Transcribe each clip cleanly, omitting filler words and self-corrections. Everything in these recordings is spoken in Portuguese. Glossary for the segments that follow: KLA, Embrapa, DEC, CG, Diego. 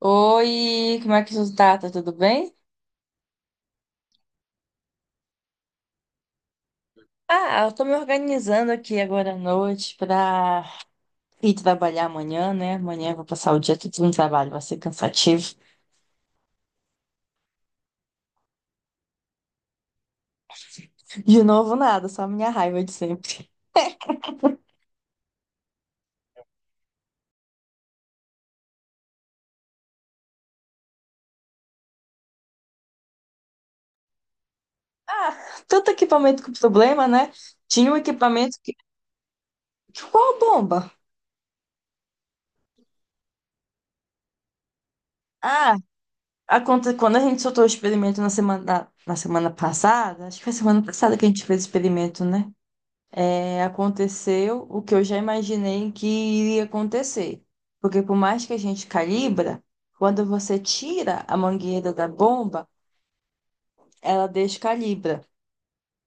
Oi, como é que você tá? Tá tudo bem? Ah, eu tô me organizando aqui agora à noite pra ir trabalhar amanhã, né? Amanhã eu vou passar o dia todo no trabalho, vai ser cansativo. De novo, nada, só a minha raiva de sempre. Ah, tanto equipamento com problema, né? Tinha um equipamento que. Qual bomba? Ah, quando a gente soltou o experimento na semana passada, acho que foi semana passada que a gente fez o experimento, né? Aconteceu o que eu já imaginei que iria acontecer. Porque por mais que a gente calibra, quando você tira a mangueira da bomba, ela descalibra.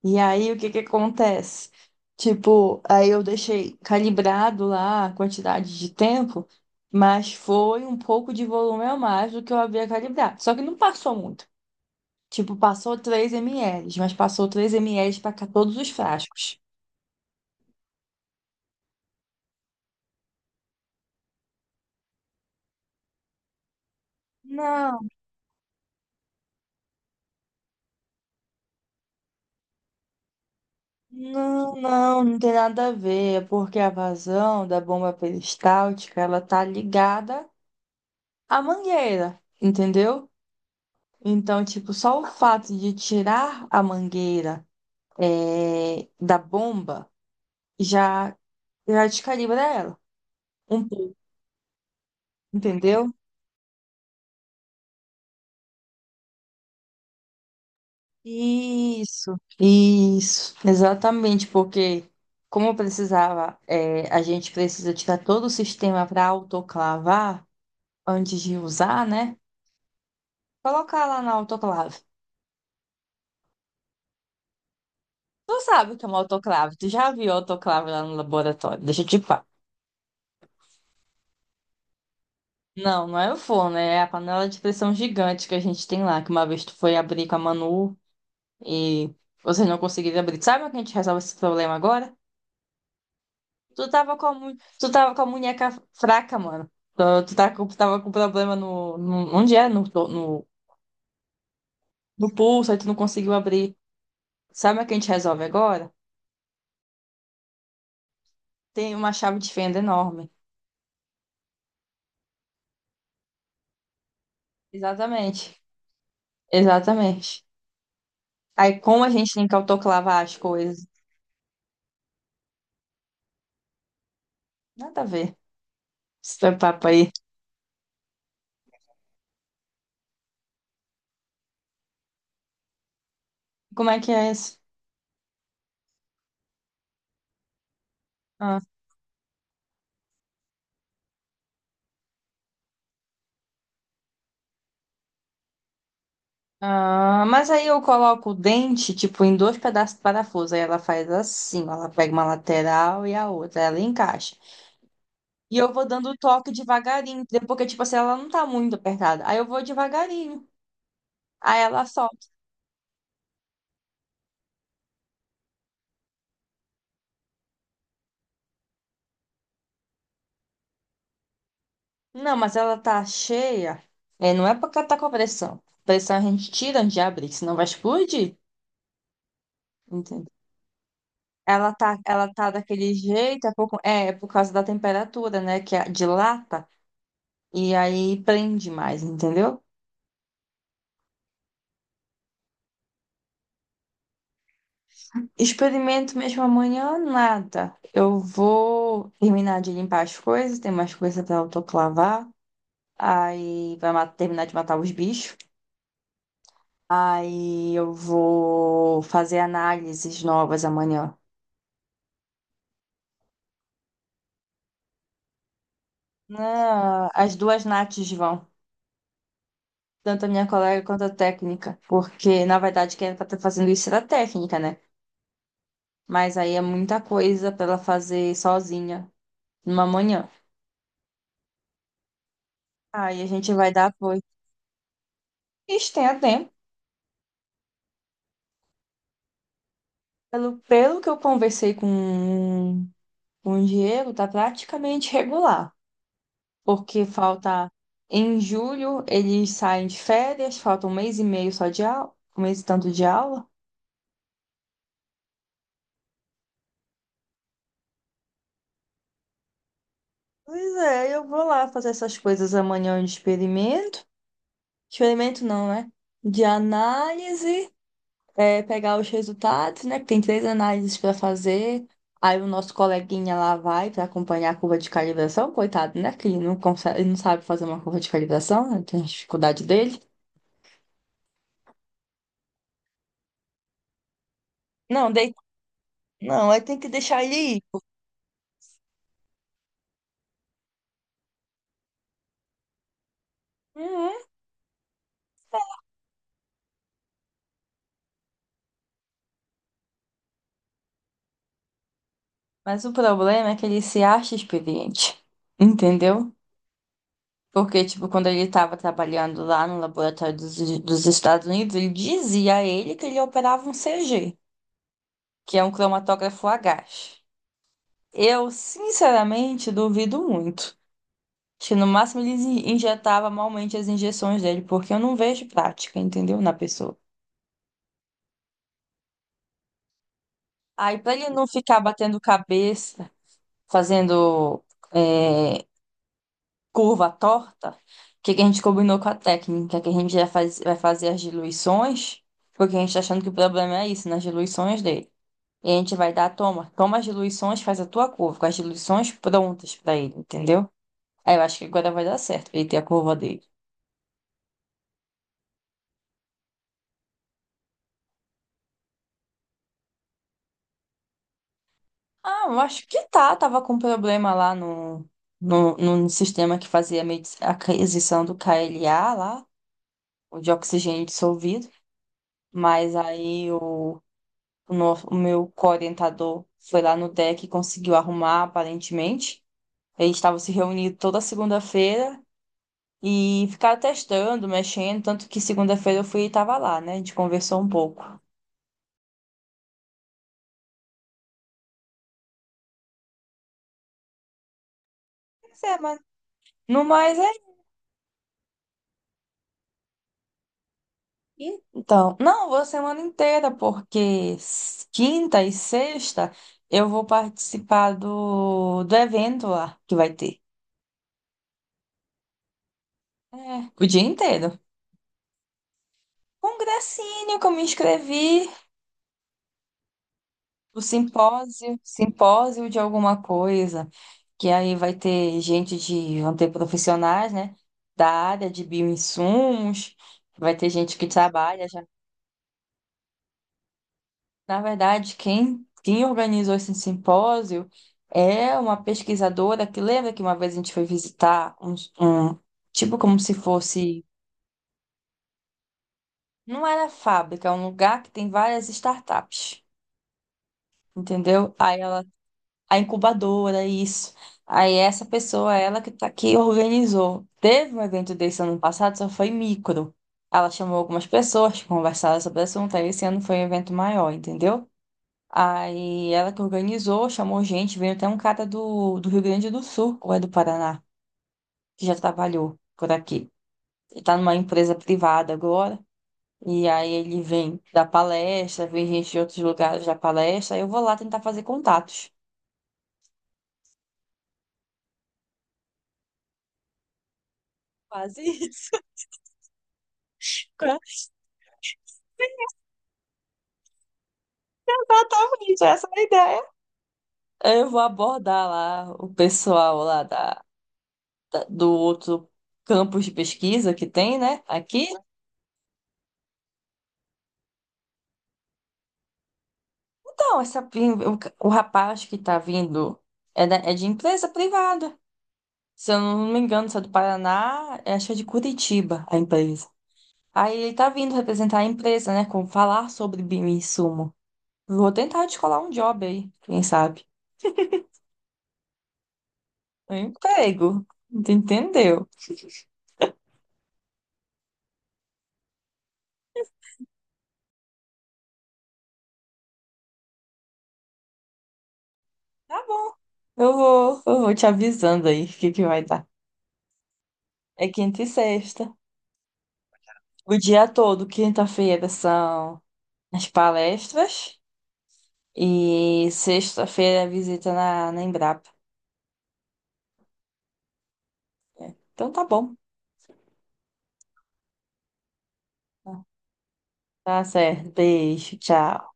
E aí o que que acontece? Tipo, aí eu deixei calibrado lá a quantidade de tempo, mas foi um pouco de volume a mais do que eu havia calibrado. Só que não passou muito. Tipo, passou 3 ml, mas passou 3 ml para todos os frascos. não Não, não, não tem nada a ver. É porque a vazão da bomba peristáltica, ela tá ligada à mangueira, entendeu? Então, tipo, só o fato de tirar a mangueira da bomba já, descalibra ela. Um pouco, entendeu? Isso, exatamente, porque como precisava, a gente precisa tirar todo o sistema para autoclavar antes de usar, né? Colocar lá na autoclave. Tu sabe o que é uma autoclave? Tu já viu autoclave lá no laboratório? Deixa eu te falar. Não, não é o forno, é a panela de pressão gigante que a gente tem lá, que uma vez tu foi abrir com a Manu e vocês não conseguiram abrir. Sabe como que a gente resolve esse problema agora? Tu tava com tu tava com a munheca fraca, mano. Tu tava com problema Onde é? No, no pulso, aí tu não conseguiu abrir. Sabe o que a gente resolve agora? Tem uma chave de fenda enorme. Exatamente. Exatamente. Aí, como a gente tem que autoclavar as coisas? Nada a ver. Esse teu papo aí. Como é que é isso? Ah, ah, mas aí eu coloco o dente, tipo, em dois pedaços de parafuso. Aí ela faz assim, ó, ela pega uma lateral e a outra, ela encaixa. E eu vou dando o toque devagarinho, entendeu? Porque, tipo assim, ela não tá muito apertada. Aí eu vou devagarinho. Aí ela solta. Não, mas ela tá cheia. É, não é porque ela tá com pressão. Pressão a gente tira antes de abrir, senão vai explodir. Entendeu? Ela tá daquele jeito, é por causa da temperatura, né? Que a- dilata e aí prende mais, entendeu? Experimento mesmo amanhã, nada. Eu vou terminar de limpar as coisas, tem mais coisa pra autoclavar. Aí vai terminar de matar os bichos. Aí eu vou fazer análises novas amanhã. Não, as duas nates vão. Tanto a minha colega quanto a técnica. Porque, na verdade, quem era pra estar fazendo isso era a técnica, né? Mas aí é muita coisa pra ela fazer sozinha numa manhã. Aí a gente vai dar apoio. Isso tem a tempo. Pelo que eu conversei com o Diego, tá praticamente regular. Porque falta. Em julho eles saem de férias, falta um mês e meio só de aula, um mês e tanto de aula. Pois é, eu vou lá fazer essas coisas amanhã de experimento. Experimento não, né? De análise. Pegar os resultados, né? Que tem três análises para fazer. Aí o nosso coleguinha lá vai para acompanhar a curva de calibração, coitado, né? Que ele não consegue, ele não sabe fazer uma curva de calibração, né? Tem dificuldade dele. Não, dei... não, aí tem que deixar ele ir. Uhum. Mas o problema é que ele se acha experiente, entendeu? Porque, tipo, quando ele estava trabalhando lá no laboratório dos Estados Unidos, ele dizia a ele que ele operava um CG, que é um cromatógrafo a gás. Eu, sinceramente, duvido muito. Acho que no máximo eles injetava malmente as injeções dele, porque eu não vejo prática, entendeu? Na pessoa. Aí, pra ele não ficar batendo cabeça, fazendo é, curva torta, o que que a gente combinou com a técnica? Que a gente já faz, vai fazer as diluições, porque a gente tá achando que o problema é isso, nas diluições dele. E a gente vai dar, toma, toma as diluições, faz a tua curva, com as diluições prontas pra ele, entendeu? Aí eu acho que agora vai dar certo pra ele ter a curva dele. Ah, eu acho que tá. Tava com problema lá no, no, no sistema que fazia a a aquisição do KLA lá, o de oxigênio dissolvido. Mas aí o, no- o meu coorientador foi lá no DEC e conseguiu arrumar, aparentemente. Eles estavam se reunindo toda segunda-feira e ficaram testando, mexendo. Tanto que segunda-feira eu fui e tava lá, né? A gente conversou um pouco. Mas é, mas. No mais não, vou a semana inteira, porque quinta e sexta eu vou participar do evento lá que vai ter. É, o dia inteiro. Congressinho que eu me inscrevi, o simpósio, simpósio de alguma coisa, que aí vai ter gente de, vão ter profissionais, né, da área de bioinsumos, vai ter gente que trabalha já. Na verdade, quem organizou esse simpósio é uma pesquisadora que lembra que uma vez a gente foi visitar um- tipo como se fosse, não era fábrica, é um lugar que tem várias startups, entendeu? Aí ela, a incubadora, isso. Aí essa pessoa, ela que tá aqui, organizou. Teve um evento desse ano passado, só foi micro. Ela chamou algumas pessoas, que conversaram sobre o assunto, aí esse ano foi um evento maior, entendeu? Aí ela que organizou, chamou gente, veio até um cara do Rio Grande do Sul, ou é do Paraná, que já trabalhou por aqui. Ele tá numa empresa privada agora, e aí ele vem dar palestra, vem gente de outros lugares dar palestra, aí eu vou lá tentar fazer contatos. Quase isso. Quase. Exatamente, essa é a ideia. Aí eu vou abordar lá o pessoal lá do outro campus de pesquisa que tem, né, aqui. Não, essa, o rapaz que tá vindo é de empresa privada. Se eu não me engano, se é do Paraná, é, acho que é de Curitiba a empresa. Aí ele tá vindo representar a empresa, né? Com falar sobre insumo. Vou tentar descolar um job aí, quem sabe? Um emprego. Tu entendeu? Tá bom. Eu vou te avisando aí o que que vai dar. É quinta e sexta. O dia todo, quinta-feira são as palestras. E sexta-feira visita na Embrapa. Então tá bom. Tá certo. Beijo. Tchau.